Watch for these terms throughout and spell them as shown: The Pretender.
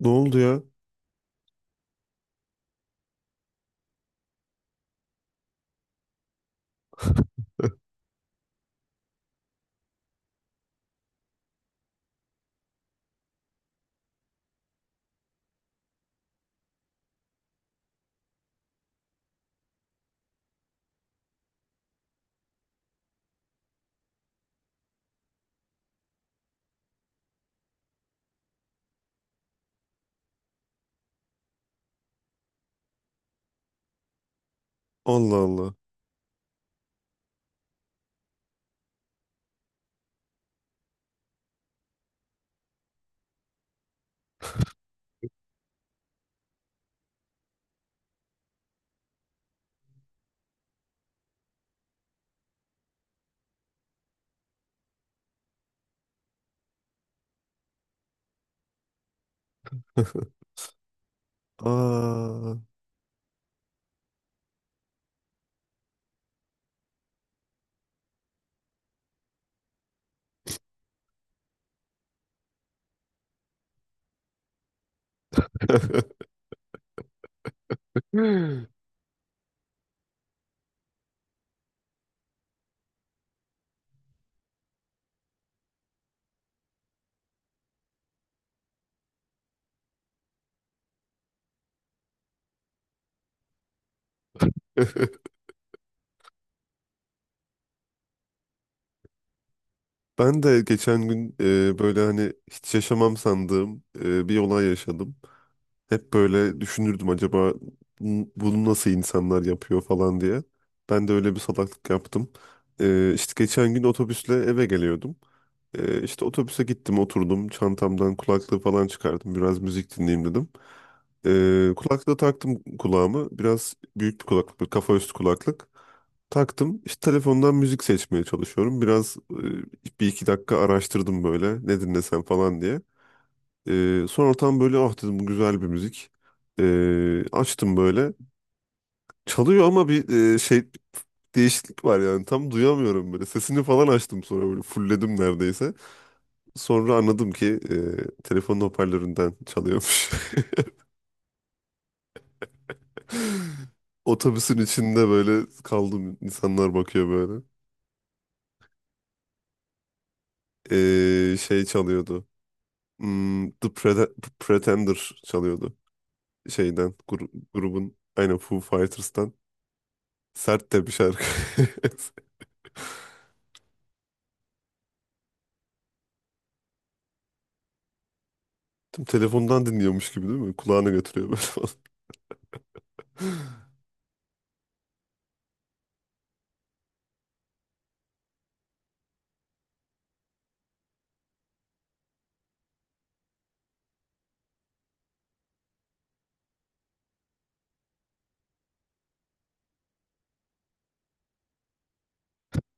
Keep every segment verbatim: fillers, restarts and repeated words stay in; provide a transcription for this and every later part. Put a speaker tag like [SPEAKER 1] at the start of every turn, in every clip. [SPEAKER 1] Ne oldu ya? Allah Allah. Aa. Ben de geçen gün e, böyle hani hiç yaşamam sandığım e, bir olay yaşadım. Hep böyle düşünürdüm acaba bu- bunu nasıl insanlar yapıyor falan diye. Ben de öyle bir salaklık yaptım. E, işte geçen gün otobüsle eve geliyordum. Ee, işte otobüse gittim, oturdum, çantamdan kulaklığı falan çıkardım, biraz müzik dinleyeyim dedim. Ee, kulaklığı taktım kulağımı, biraz büyük bir kulaklık, bir kafa üstü kulaklık taktım. İşte telefondan müzik seçmeye çalışıyorum, biraz e, bir iki dakika araştırdım böyle ne dinlesem falan diye. Ee, sonra tam böyle ah dedim, bu güzel bir müzik. Ee, açtım böyle, çalıyor ama bir e, şey değişiklik var, yani tam duyamıyorum böyle sesini falan, açtım sonra böyle fulledim neredeyse. Sonra anladım ki e, telefonun hoparlöründen çalıyormuş. Otobüsün içinde böyle kaldım. İnsanlar bakıyor böyle. E, şey çalıyordu. Hmm, The Prete- Pretender çalıyordu. Şeyden, gru- grubun, aynen, Foo Fighters'tan. Sert de bir şarkı. Tüm telefondan dinliyormuş gibi değil mi? Kulağına götürüyor böyle falan.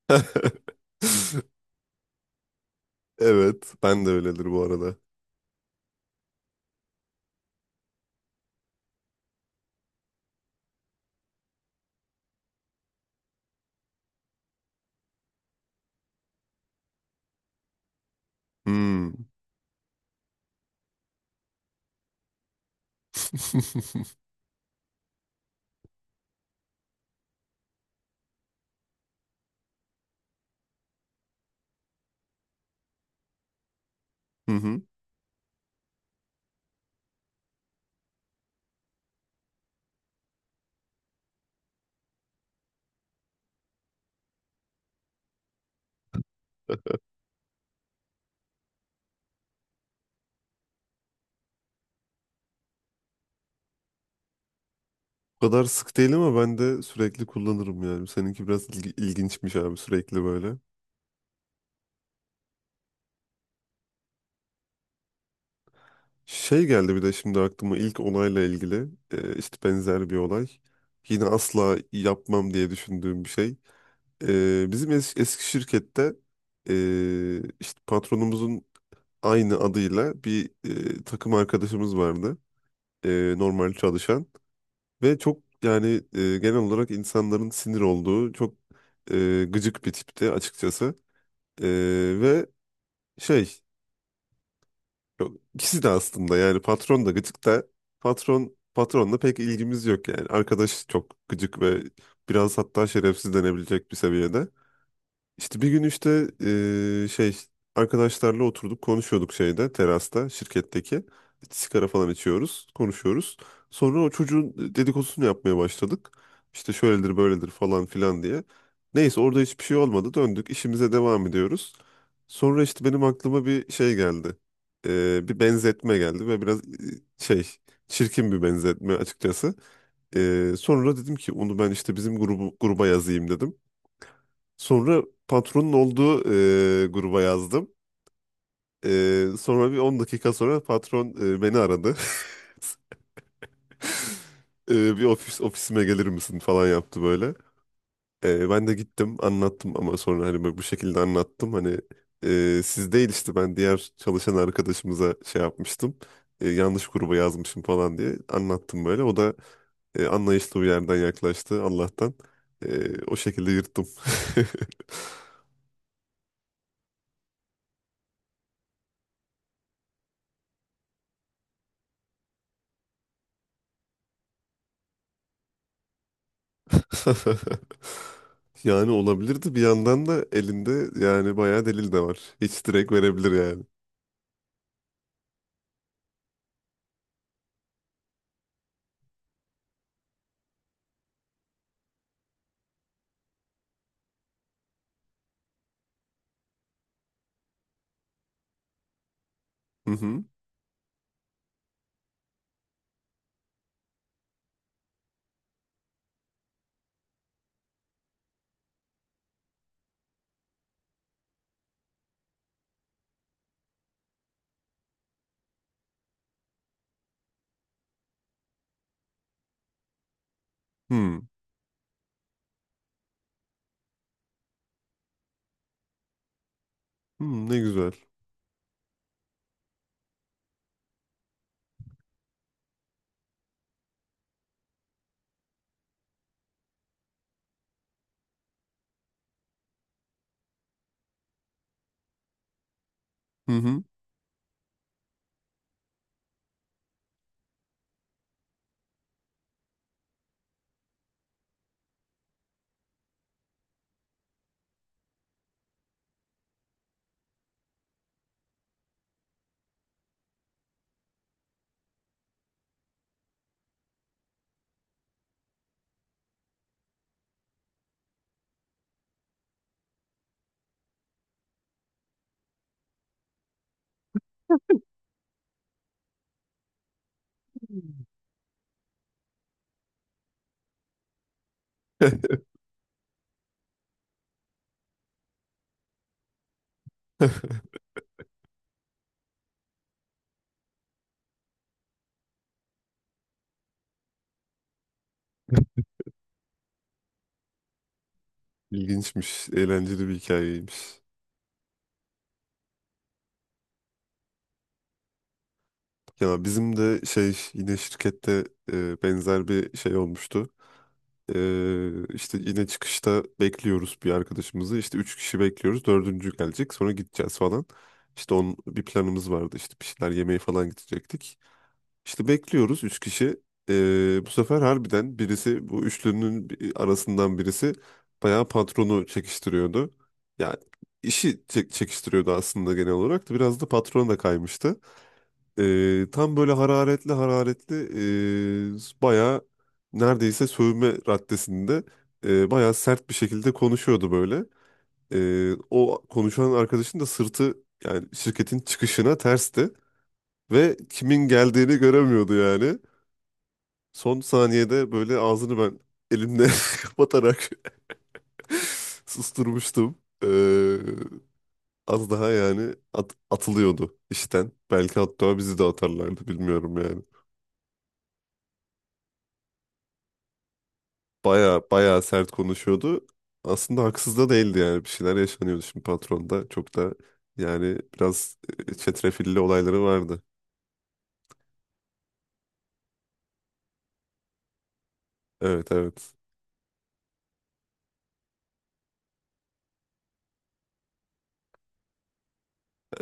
[SPEAKER 1] Evet, ben de öyledir bu arada. Hmm. Hı hı. O kadar sık değil ama ben de sürekli kullanırım yani. Seninki biraz ilgi- ilginçmiş abi, sürekli böyle. Şey geldi bir de şimdi aklıma, ilk olayla ilgili e, işte benzer bir olay. Yine asla yapmam diye düşündüğüm bir şey. E, bizim es- eski şirkette e, işte patronumuzun aynı adıyla bir e, takım arkadaşımız vardı. E, normal çalışan ve çok yani e, genel olarak insanların sinir olduğu çok e, gıcık bir tipti açıkçası. Ee, ve Şey, Yok, ikisi de aslında, yani patron da gıcık da. Patron patronla pek ilgimiz yok yani. Arkadaş çok gıcık ve biraz hatta şerefsiz denebilecek bir seviyede. İşte bir gün işte eee, şey arkadaşlarla oturduk konuşuyorduk, şeyde, terasta, şirketteki, sigara falan içiyoruz konuşuyoruz. Sonra o çocuğun dedikodusunu yapmaya başladık. İşte şöyledir böyledir falan filan diye. Neyse, orada hiçbir şey olmadı, döndük işimize devam ediyoruz. Sonra işte benim aklıma bir şey geldi. Eee, bir benzetme geldi ve biraz eee, şey çirkin bir benzetme açıkçası. Eee, sonra dedim ki onu ben işte bizim grubu, gruba yazayım dedim. Sonra patronun olduğu e, gruba yazdım. E, sonra bir on dakika sonra patron e, beni aradı. E, bir ofis ofisime gelir misin falan yaptı böyle. E, ben de gittim anlattım, ama sonra hani böyle bu şekilde anlattım. Hani e, siz değil, işte ben diğer çalışan arkadaşımıza şey yapmıştım. E, yanlış gruba yazmışım falan diye anlattım böyle. O da e, anlayışlı bir yerden yaklaştı Allah'tan. E, o şekilde yırttım. Yani olabilirdi. Bir yandan da elinde yani bayağı delil de var. Hiç direkt verebilir yani. Hı hı. Hmm. Hmm, ne güzel. Hı hı. İlginçmiş. Eğlenceli bir hikayeymiş. Ya bizim de şey yine şirkette e, benzer bir şey olmuştu. E, işte yine çıkışta bekliyoruz bir arkadaşımızı. İşte üç kişi bekliyoruz. Dördüncü gelecek. Sonra gideceğiz falan. İşte onun bir planımız vardı. İşte bir şeyler yemeye falan gidecektik. İşte bekliyoruz üç kişi. Ee, bu sefer harbiden birisi, bu üçlünün bi- arasından birisi, bayağı patronu çekiştiriyordu. Yani işi çek- çekiştiriyordu aslında, genel olarak da biraz da patrona da kaymıştı. Ee, tam böyle hararetli hararetli ee, bayağı, neredeyse sövme raddesinde, ee, bayağı sert bir şekilde konuşuyordu böyle. Ee, o konuşan arkadaşın da sırtı yani şirketin çıkışına tersti ve kimin geldiğini göremiyordu yani. Son saniyede böyle ağzını ben elimle kapatarak susturmuştum. Ee, Az daha yani at- atılıyordu işten. Belki hatta bizi de atarlardı, bilmiyorum yani. Baya baya sert konuşuyordu. Aslında haksız da değildi yani, bir şeyler yaşanıyordu şimdi patronda. Çok da yani biraz e, çetrefilli olayları vardı. Evet, evet.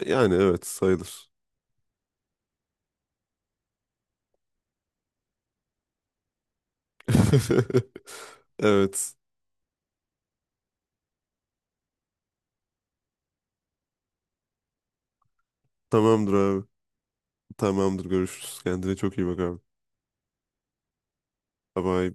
[SPEAKER 1] Yani evet, sayılır. Evet. Tamamdır abi. Tamamdır, görüşürüz. Kendine çok iyi bak abi. Bye bye.